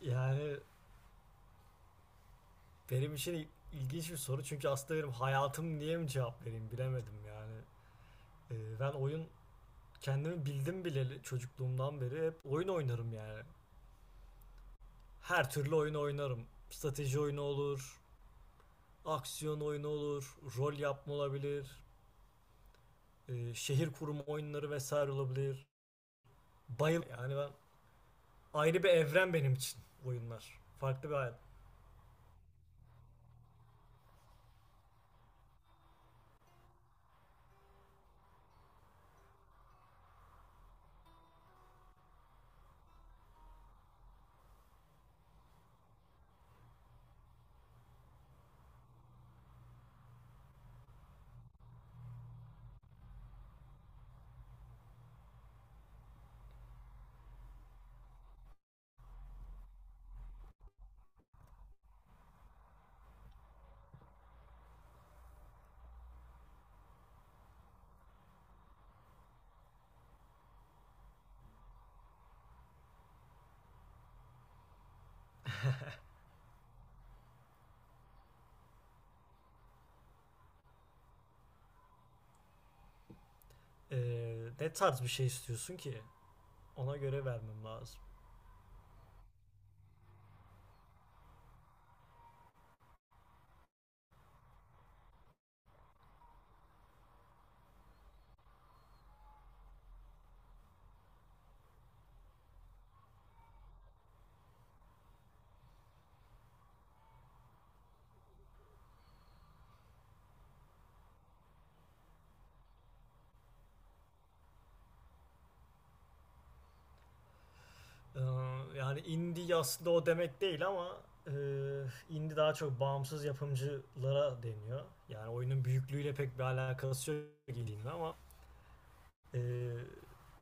Yani benim için ilginç bir soru çünkü aslında benim hayatım diye mi cevap vereyim bilemedim yani. Ben kendimi bildim bileli çocukluğumdan beri hep oyun oynarım yani. Her türlü oyun oynarım. Strateji oyunu olur, aksiyon oyunu olur, rol yapma olabilir, şehir kurma oyunları vesaire olabilir. Yani ben ayrı bir evren benim için oyunlar. Farklı bir hayat. Ne tarz bir şey istiyorsun ki? Ona göre vermem lazım. Ee, Yani indie aslında o demek değil ama e, indie daha çok bağımsız yapımcılara deniyor. Yani oyunun büyüklüğüyle pek bir alakası yok dediğimde ama e,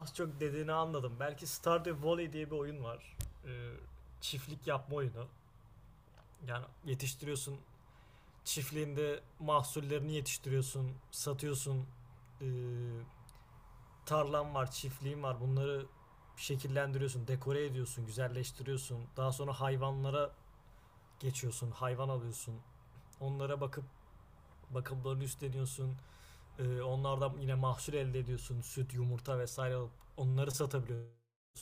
az çok dediğini anladım. Belki Stardew Valley diye bir oyun var. E, Çiftlik yapma oyunu. Yani yetiştiriyorsun, çiftliğinde mahsullerini yetiştiriyorsun, satıyorsun. E, Tarlan var, çiftliğin var. Bunları şekillendiriyorsun, dekore ediyorsun, güzelleştiriyorsun. Daha sonra hayvanlara geçiyorsun, hayvan alıyorsun. Onlara bakıp bakımlarını üstleniyorsun. Onlardan yine mahsul elde ediyorsun. Süt, yumurta vesaire alıp onları satabiliyorsun.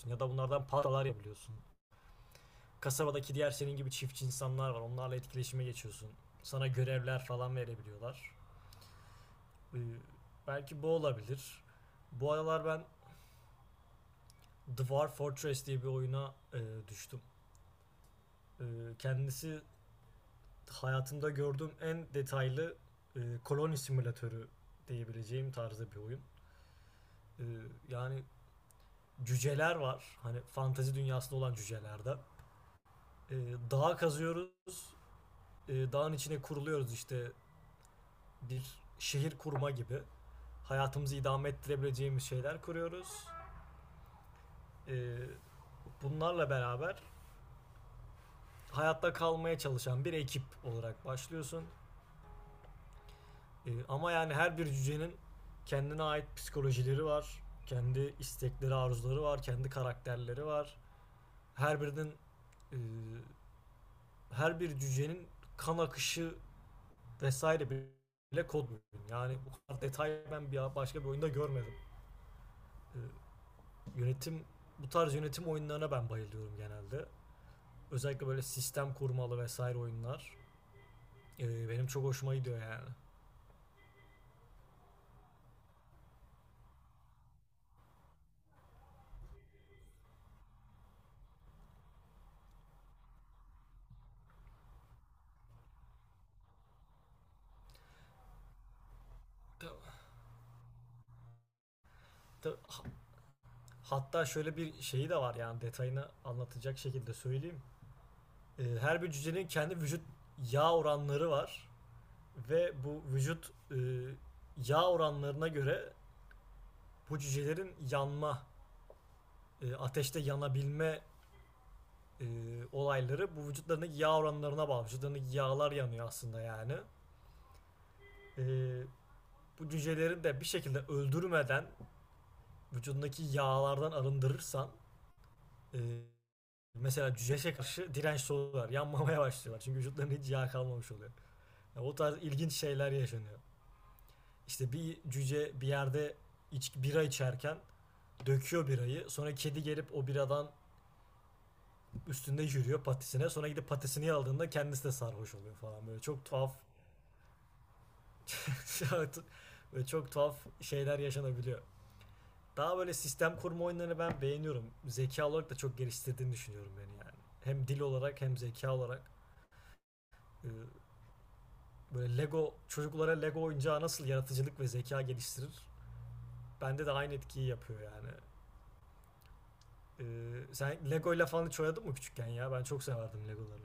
Ya da bunlardan paralar yapabiliyorsun. Kasabadaki diğer senin gibi çiftçi insanlar var. Onlarla etkileşime geçiyorsun. Sana görevler falan verebiliyorlar. Ee, Belki bu olabilir. Bu aralar ben Dwarf Fortress diye bir oyuna düştüm. E, Kendisi hayatımda gördüğüm en detaylı koloni simülatörü diyebileceğim tarzda bir oyun. E, Yani cüceler var. Hani fantezi dünyasında olan cücelerde. E, Dağ kazıyoruz. E, dağın içine kuruluyoruz işte bir şehir kurma gibi. Hayatımızı idame ettirebileceğimiz şeyler kuruyoruz. E, Bunlarla beraber hayatta kalmaya çalışan bir ekip olarak başlıyorsun. E, ama yani her bir cücenin kendine ait psikolojileri var. Kendi istekleri, arzuları var. Kendi karakterleri var. Her birinin e, her bir cücenin kan akışı vesaire bile kod mümkün. Yani bu kadar detay ben başka bir oyunda görmedim. E, yönetim Bu tarz yönetim oyunlarına ben bayılıyorum genelde. Özellikle böyle sistem kurmalı vesaire oyunlar, benim çok hoşuma gidiyor yani. Hatta şöyle bir şeyi de var yani detayını anlatacak şekilde söyleyeyim. Her bir cücenin kendi vücut yağ oranları var ve bu vücut yağ oranlarına göre bu cücelerin yanma, ateşte yanabilme e, olayları bu vücutlarındaki yağ oranlarına bağlı. Vücutlarındaki yağlar yanıyor aslında yani. E, Bu cüceleri de bir şekilde öldürmeden vücudundaki yağlardan arındırırsan e, mesela cüceşe karşı dirençli oluyorlar. Yanmamaya başlıyorlar. Çünkü vücutlarında hiç yağ kalmamış oluyor. Yani o tarz ilginç şeyler yaşanıyor. İşte bir cüce bir yerde bira içerken döküyor birayı. Sonra kedi gelip o biradan üstünde yürüyor patisine. Sonra gidip patisini aldığında kendisi de sarhoş oluyor falan. Böyle çok tuhaf, böyle çok tuhaf şeyler yaşanabiliyor. Daha böyle sistem kurma oyunlarını ben beğeniyorum. Zeka olarak da çok geliştirdiğini düşünüyorum beni yani. Hem dil olarak hem zeka olarak, e, böyle Lego, çocuklara Lego oyuncağı nasıl yaratıcılık ve zeka geliştirir? Bende de aynı etkiyi yapıyor yani. Sen Lego ile falan hiç oynadın mı küçükken ya? Ben çok severdim Legoları.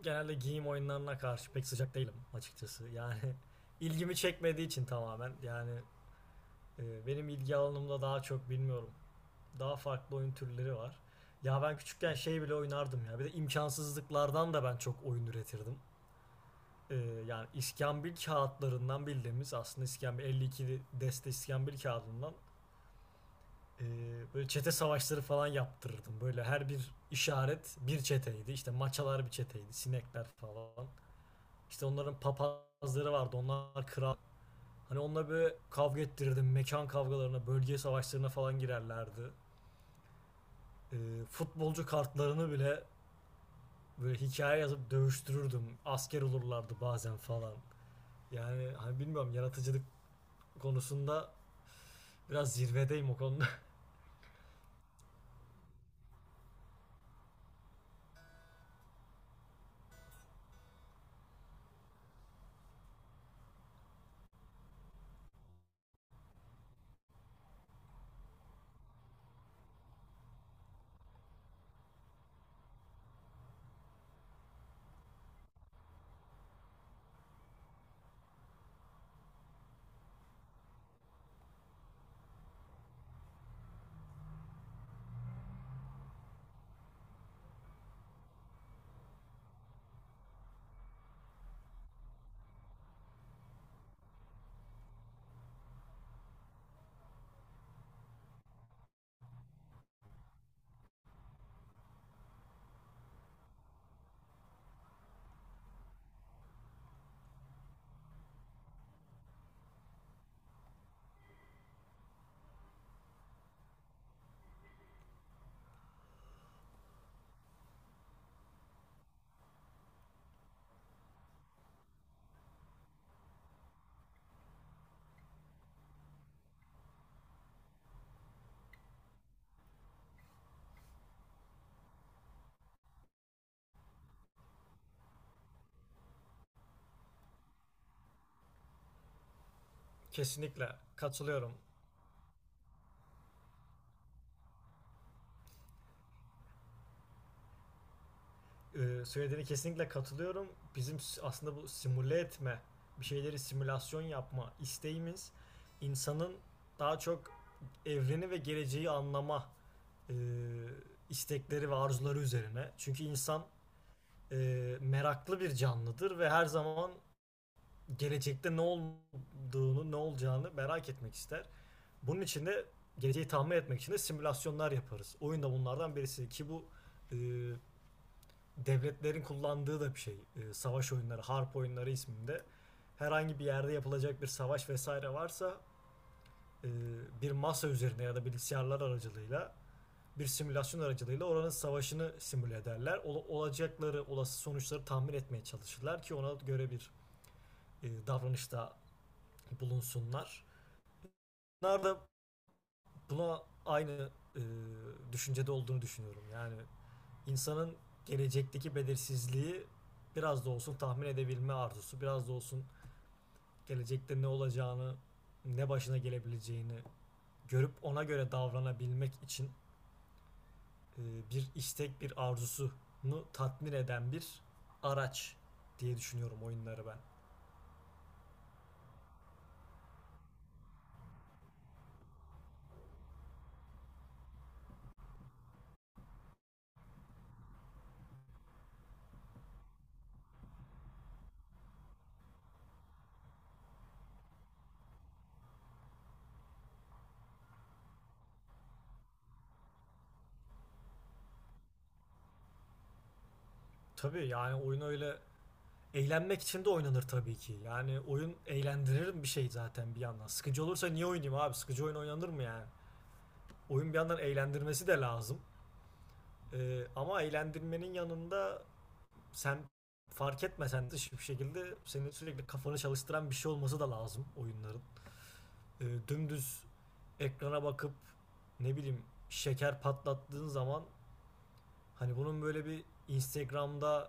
Genelde giyim oyunlarına karşı pek sıcak değilim açıkçası. Yani ilgimi çekmediği için tamamen. Yani benim ilgi alanımda daha çok bilmiyorum. Daha farklı oyun türleri var. Ya ben küçükken şey bile oynardım ya. Bir de imkansızlıklardan da ben çok oyun üretirdim. e, Yani iskambil kağıtlarından, bildiğimiz aslında iskambil, 52 deste iskambil kağıdından e, böyle çete savaşları falan yaptırırdım. Böyle her bir işaret bir çeteydi. İşte maçalar bir çeteydi. Sinekler falan. İşte onların papazları vardı. Onlar kral. Hani onunla böyle kavga ettirirdim. Mekan kavgalarına, bölge savaşlarına falan girerlerdi. E, futbolcu kartlarını bile böyle hikaye yazıp dövüştürürdüm. Asker olurlardı bazen falan. Yani hani bilmiyorum, yaratıcılık konusunda biraz zirvedeyim o konuda. Kesinlikle katılıyorum. Söylediğine kesinlikle katılıyorum. Bizim aslında bu simüle etme, bir şeyleri simülasyon yapma isteğimiz insanın daha çok evreni ve geleceği anlama e, istekleri ve arzuları üzerine. Çünkü insan e, meraklı bir canlıdır ve her zaman gelecekte ne olduğunu, ne olacağını merak etmek ister. Bunun için de geleceği tahmin etmek için de simülasyonlar yaparız. Oyun da bunlardan birisi ki bu e, devletlerin kullandığı da bir şey. E, savaş oyunları, harp oyunları isminde herhangi bir yerde yapılacak bir savaş vesaire varsa e, bir masa üzerine ya da bilgisayarlar aracılığıyla bir simülasyon aracılığıyla oranın savaşını simüle ederler. Olacakları, olası sonuçları tahmin etmeye çalışırlar ki ona göre bir davranışta bulunsunlar. Bunlar da Buna aynı e, düşüncede olduğunu düşünüyorum. Yani insanın gelecekteki belirsizliği biraz da olsun tahmin edebilme arzusu, biraz da olsun gelecekte ne olacağını, ne başına gelebileceğini görüp ona göre davranabilmek için e, bir istek, bir arzusunu tatmin eden bir araç diye düşünüyorum oyunları ben. Tabii yani oyun öyle, eğlenmek için de oynanır tabii ki. Yani oyun eğlendirir bir şey zaten bir yandan. Sıkıcı olursa niye oynayayım abi? Sıkıcı oyun oynanır mı yani? Oyun bir yandan eğlendirmesi de lazım. Ama eğlendirmenin yanında sen fark etmesen de hiçbir şekilde senin sürekli kafanı çalıştıran bir şey olması da lazım oyunların. Dümdüz ekrana bakıp ne bileyim şeker patlattığın zaman, hani bunun böyle bir Instagram'da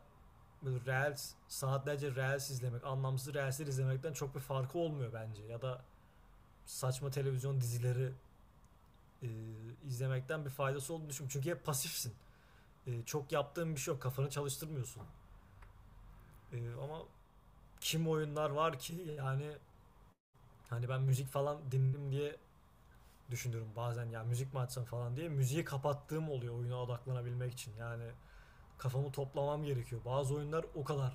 böyle reels, saatlerce reels izlemek, anlamsız reelsler izlemekten çok bir farkı olmuyor bence. Ya da saçma televizyon dizileri e, izlemekten bir faydası olduğunu düşünüyorum. Çünkü hep pasifsin. E, çok yaptığın bir şey yok. Kafanı çalıştırmıyorsun. E, ama kim oyunlar var ki yani, hani ben müzik falan dinledim diye düşünüyorum bazen, ya müzik mi açsam falan diye müziği kapattığım oluyor oyuna odaklanabilmek için. Yani kafamı toplamam gerekiyor. Bazı oyunlar o kadar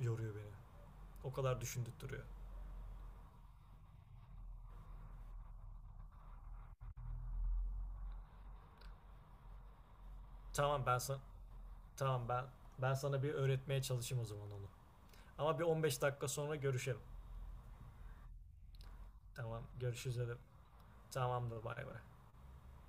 yoruyor beni. O kadar düşündürtüyor. Tamam ben sana Tamam ben sana bir öğretmeye çalışayım o zaman onu. Ama bir 15 dakika sonra görüşelim. Tamam, görüşürüz dedim. Tamamdır, bay bay.